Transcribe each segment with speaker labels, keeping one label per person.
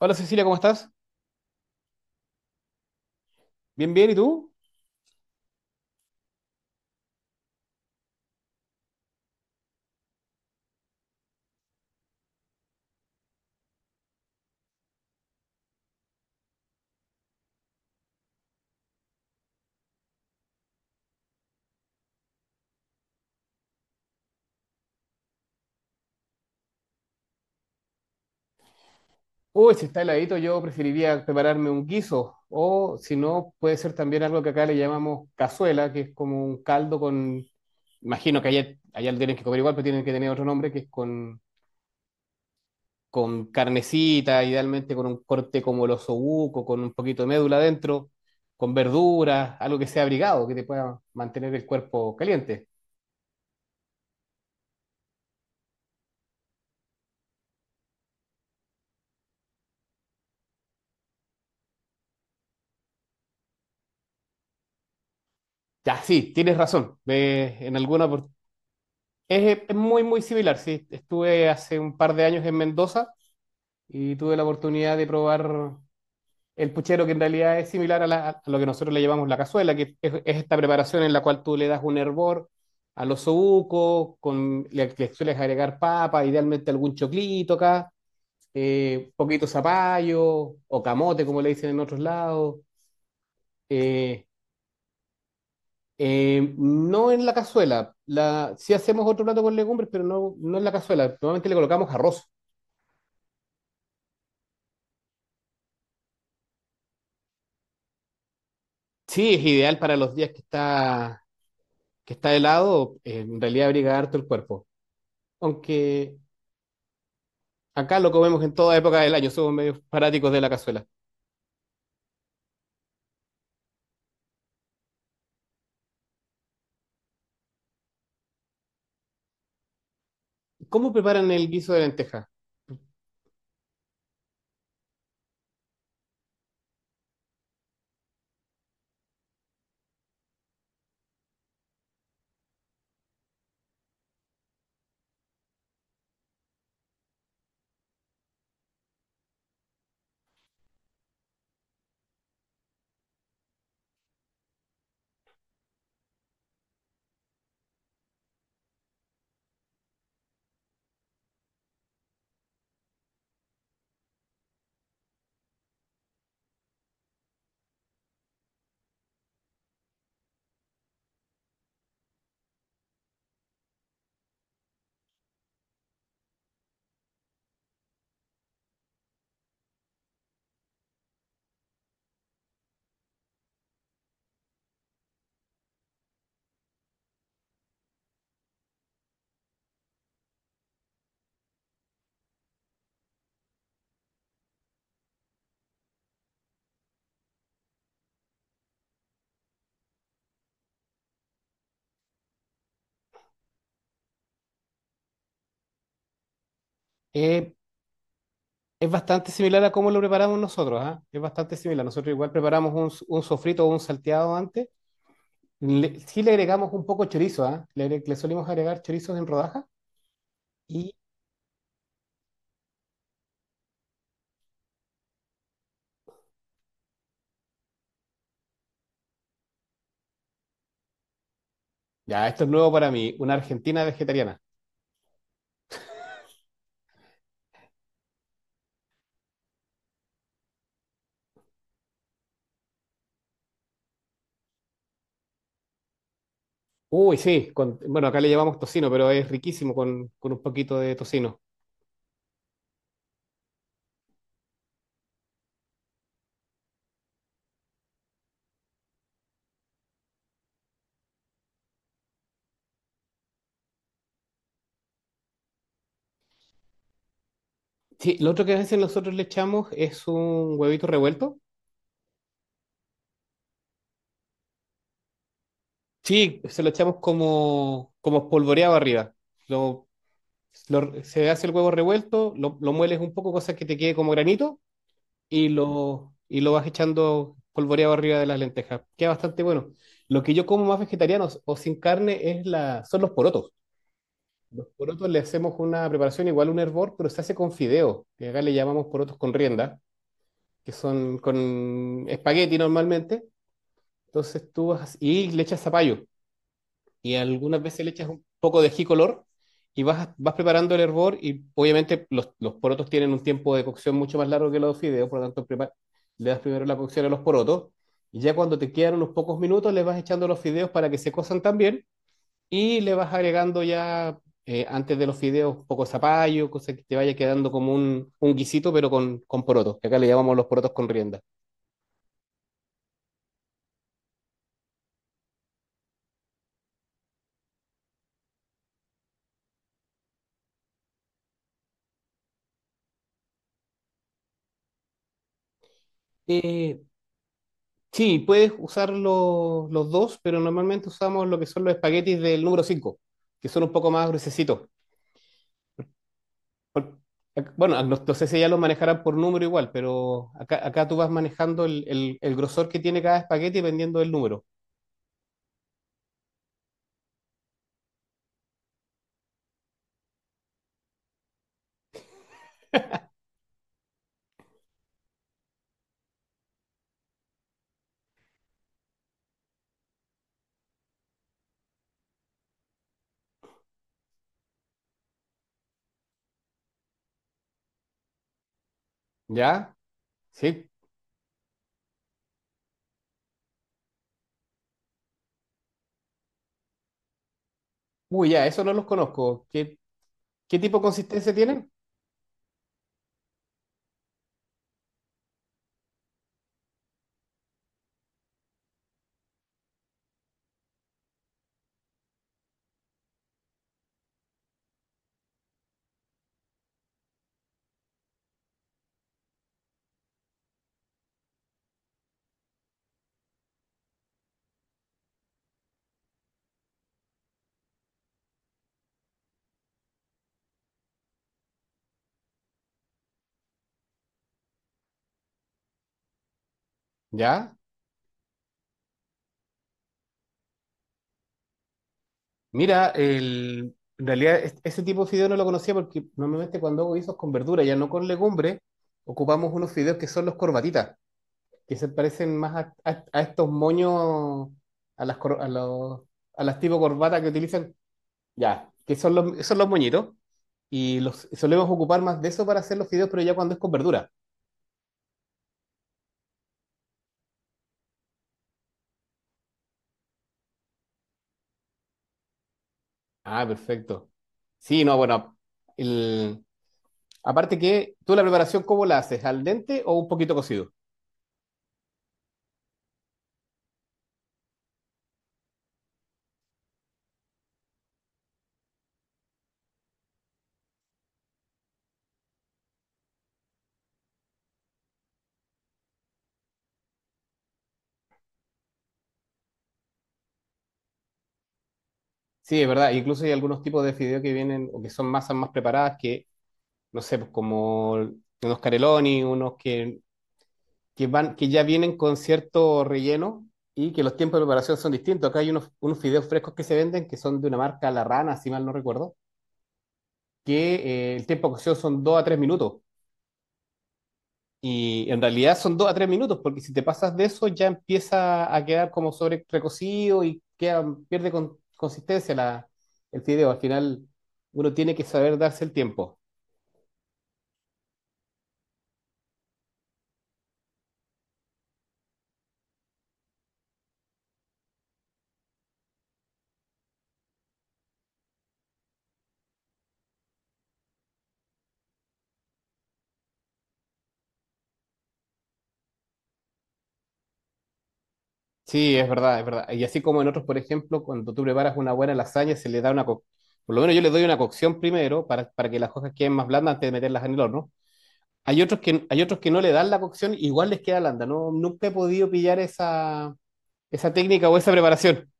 Speaker 1: Hola Cecilia, ¿cómo estás? Bien, bien, ¿y tú? Uy, si está heladito, yo preferiría prepararme un guiso. O si no, puede ser también algo que acá le llamamos cazuela, que es como un caldo con. Imagino que allá lo tienen que comer igual, pero tienen que tener otro nombre, que es con carnecita, idealmente con un corte como el osobuco, con un poquito de médula adentro, con verduras, algo que sea abrigado, que te pueda mantener el cuerpo caliente. Ya, sí, tienes razón. Es muy, muy similar, sí. Estuve hace un par de años en Mendoza y tuve la oportunidad de probar el puchero, que en realidad es similar a lo que nosotros le llamamos la cazuela, que es esta preparación en la cual tú le das un hervor a los osobucos, le sueles agregar papa, idealmente algún choclito acá, poquito zapallo o camote, como le dicen en otros lados. eh, no en la cazuela, sí hacemos otro plato con legumbres, pero no, no en la cazuela, normalmente le colocamos arroz. Sí, es ideal para los días que está helado, en realidad abriga harto el cuerpo. Aunque acá lo comemos en toda época del año, somos medios fanáticos de la cazuela. ¿Cómo preparan el guiso de lenteja? Eh, es bastante similar a cómo lo preparamos nosotros, ¿ah? Es bastante similar. Nosotros igual preparamos un sofrito o un salteado antes. Sí le agregamos un poco chorizo, ¿ah? Le solimos agregar chorizos en rodajas. Y ya, esto es nuevo para mí, una argentina vegetariana. Uy, sí, bueno, acá le llamamos tocino, pero es riquísimo con un poquito de tocino. Sí, lo otro que a veces nosotros le echamos es un huevito revuelto. Sí, se lo echamos como espolvoreado arriba. Lo, Se hace el huevo revuelto, lo mueles un poco, cosa que te quede como granito, y lo vas echando polvoreado arriba de las lentejas. Queda bastante bueno. Lo que yo como más vegetariano o sin carne es son los porotos. Los porotos le hacemos una preparación igual a un hervor, pero se hace con fideo, que acá le llamamos porotos con rienda, que son con espagueti normalmente. Entonces tú vas y le echas zapallo. Y algunas veces le echas un poco de ají color y vas preparando el hervor. Y obviamente los porotos tienen un tiempo de cocción mucho más largo que los fideos, por lo tanto le das primero la cocción a los porotos. Y ya cuando te quedan unos pocos minutos, les vas echando los fideos para que se cosan también y le vas agregando ya antes de los fideos un poco de zapallo, cosa que te vaya quedando como un guisito, pero con porotos, que acá le llamamos los porotos con rienda. Eh, sí, puedes usar los dos, pero normalmente usamos lo que son los espaguetis del número 5 que son un poco más gruesecitos. Por- Bueno, no, no sé si ya los manejarán por número igual, pero acá tú vas manejando el grosor que tiene cada espagueti dependiendo del número. ¿Ya? Sí. Uy, ya, eso no los conozco. ¿Qué tipo de consistencia tienen? ¿Ya? Mira, en realidad ese tipo de fideo no lo conocía porque normalmente cuando hago guisos con verdura, ya no con legumbre, ocupamos unos fideos que son los corbatitas, que se parecen más a estos moños, a las, cor- a los, a las tipo corbatas que utilizan, ya, que son los moñitos, y los solemos ocupar más de eso para hacer los fideos, pero ya cuando es con verdura. Ah, perfecto. Sí, no, bueno, el- aparte que, ¿tú la preparación cómo la haces? ¿Al dente o un poquito cocido? Sí, es verdad. Incluso hay algunos tipos de fideos que vienen o que son masas más preparadas que, no sé, pues como unos careloni, unos que van, que ya vienen con cierto relleno y que los tiempos de preparación son distintos. Acá hay unos fideos frescos que se venden que son de una marca La Rana, si mal no recuerdo, que el tiempo de cocción son 2 a 3 minutos. Y en realidad son 2 a 3 minutos, porque si te pasas de eso ya empieza a quedar como sobre recocido y queda, pierde consistencia el fideo. Al final uno tiene que saber darse el tiempo. Sí, es verdad, es verdad. Y así como en otros, por ejemplo, cuando tú preparas una buena lasaña, se le da una. Por lo menos yo le doy una cocción primero para que las hojas queden más blandas antes de meterlas en el horno. Hay otros que no le dan la cocción, igual les queda blanda. No, nunca he podido pillar esa técnica o esa preparación.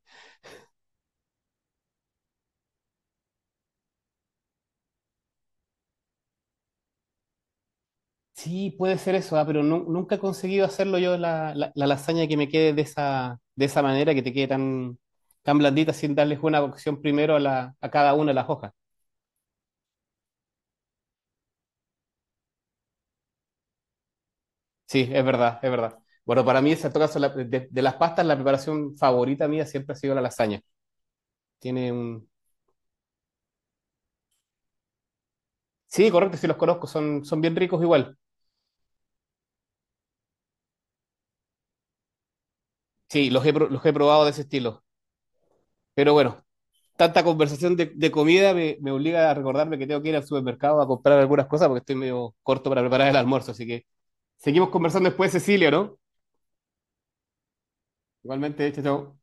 Speaker 1: Sí, puede ser eso, ah, pero nunca he conseguido hacerlo yo la lasaña que me quede de esa manera, que te quede tan, tan blandita sin darles una cocción primero a cada una de las hojas. Sí, es verdad, es verdad. Bueno, para mí, en todo caso, de, las pastas, la preparación favorita mía siempre ha sido la lasaña. Tiene un. Sí, correcto, sí los conozco, son bien ricos igual. Sí, los he, probado de ese estilo. Pero bueno, tanta conversación de comida me obliga a recordarme que tengo que ir al supermercado a comprar algunas cosas porque estoy medio corto para preparar el almuerzo, así que seguimos conversando después, Cecilio, ¿no? Igualmente, chao, chao.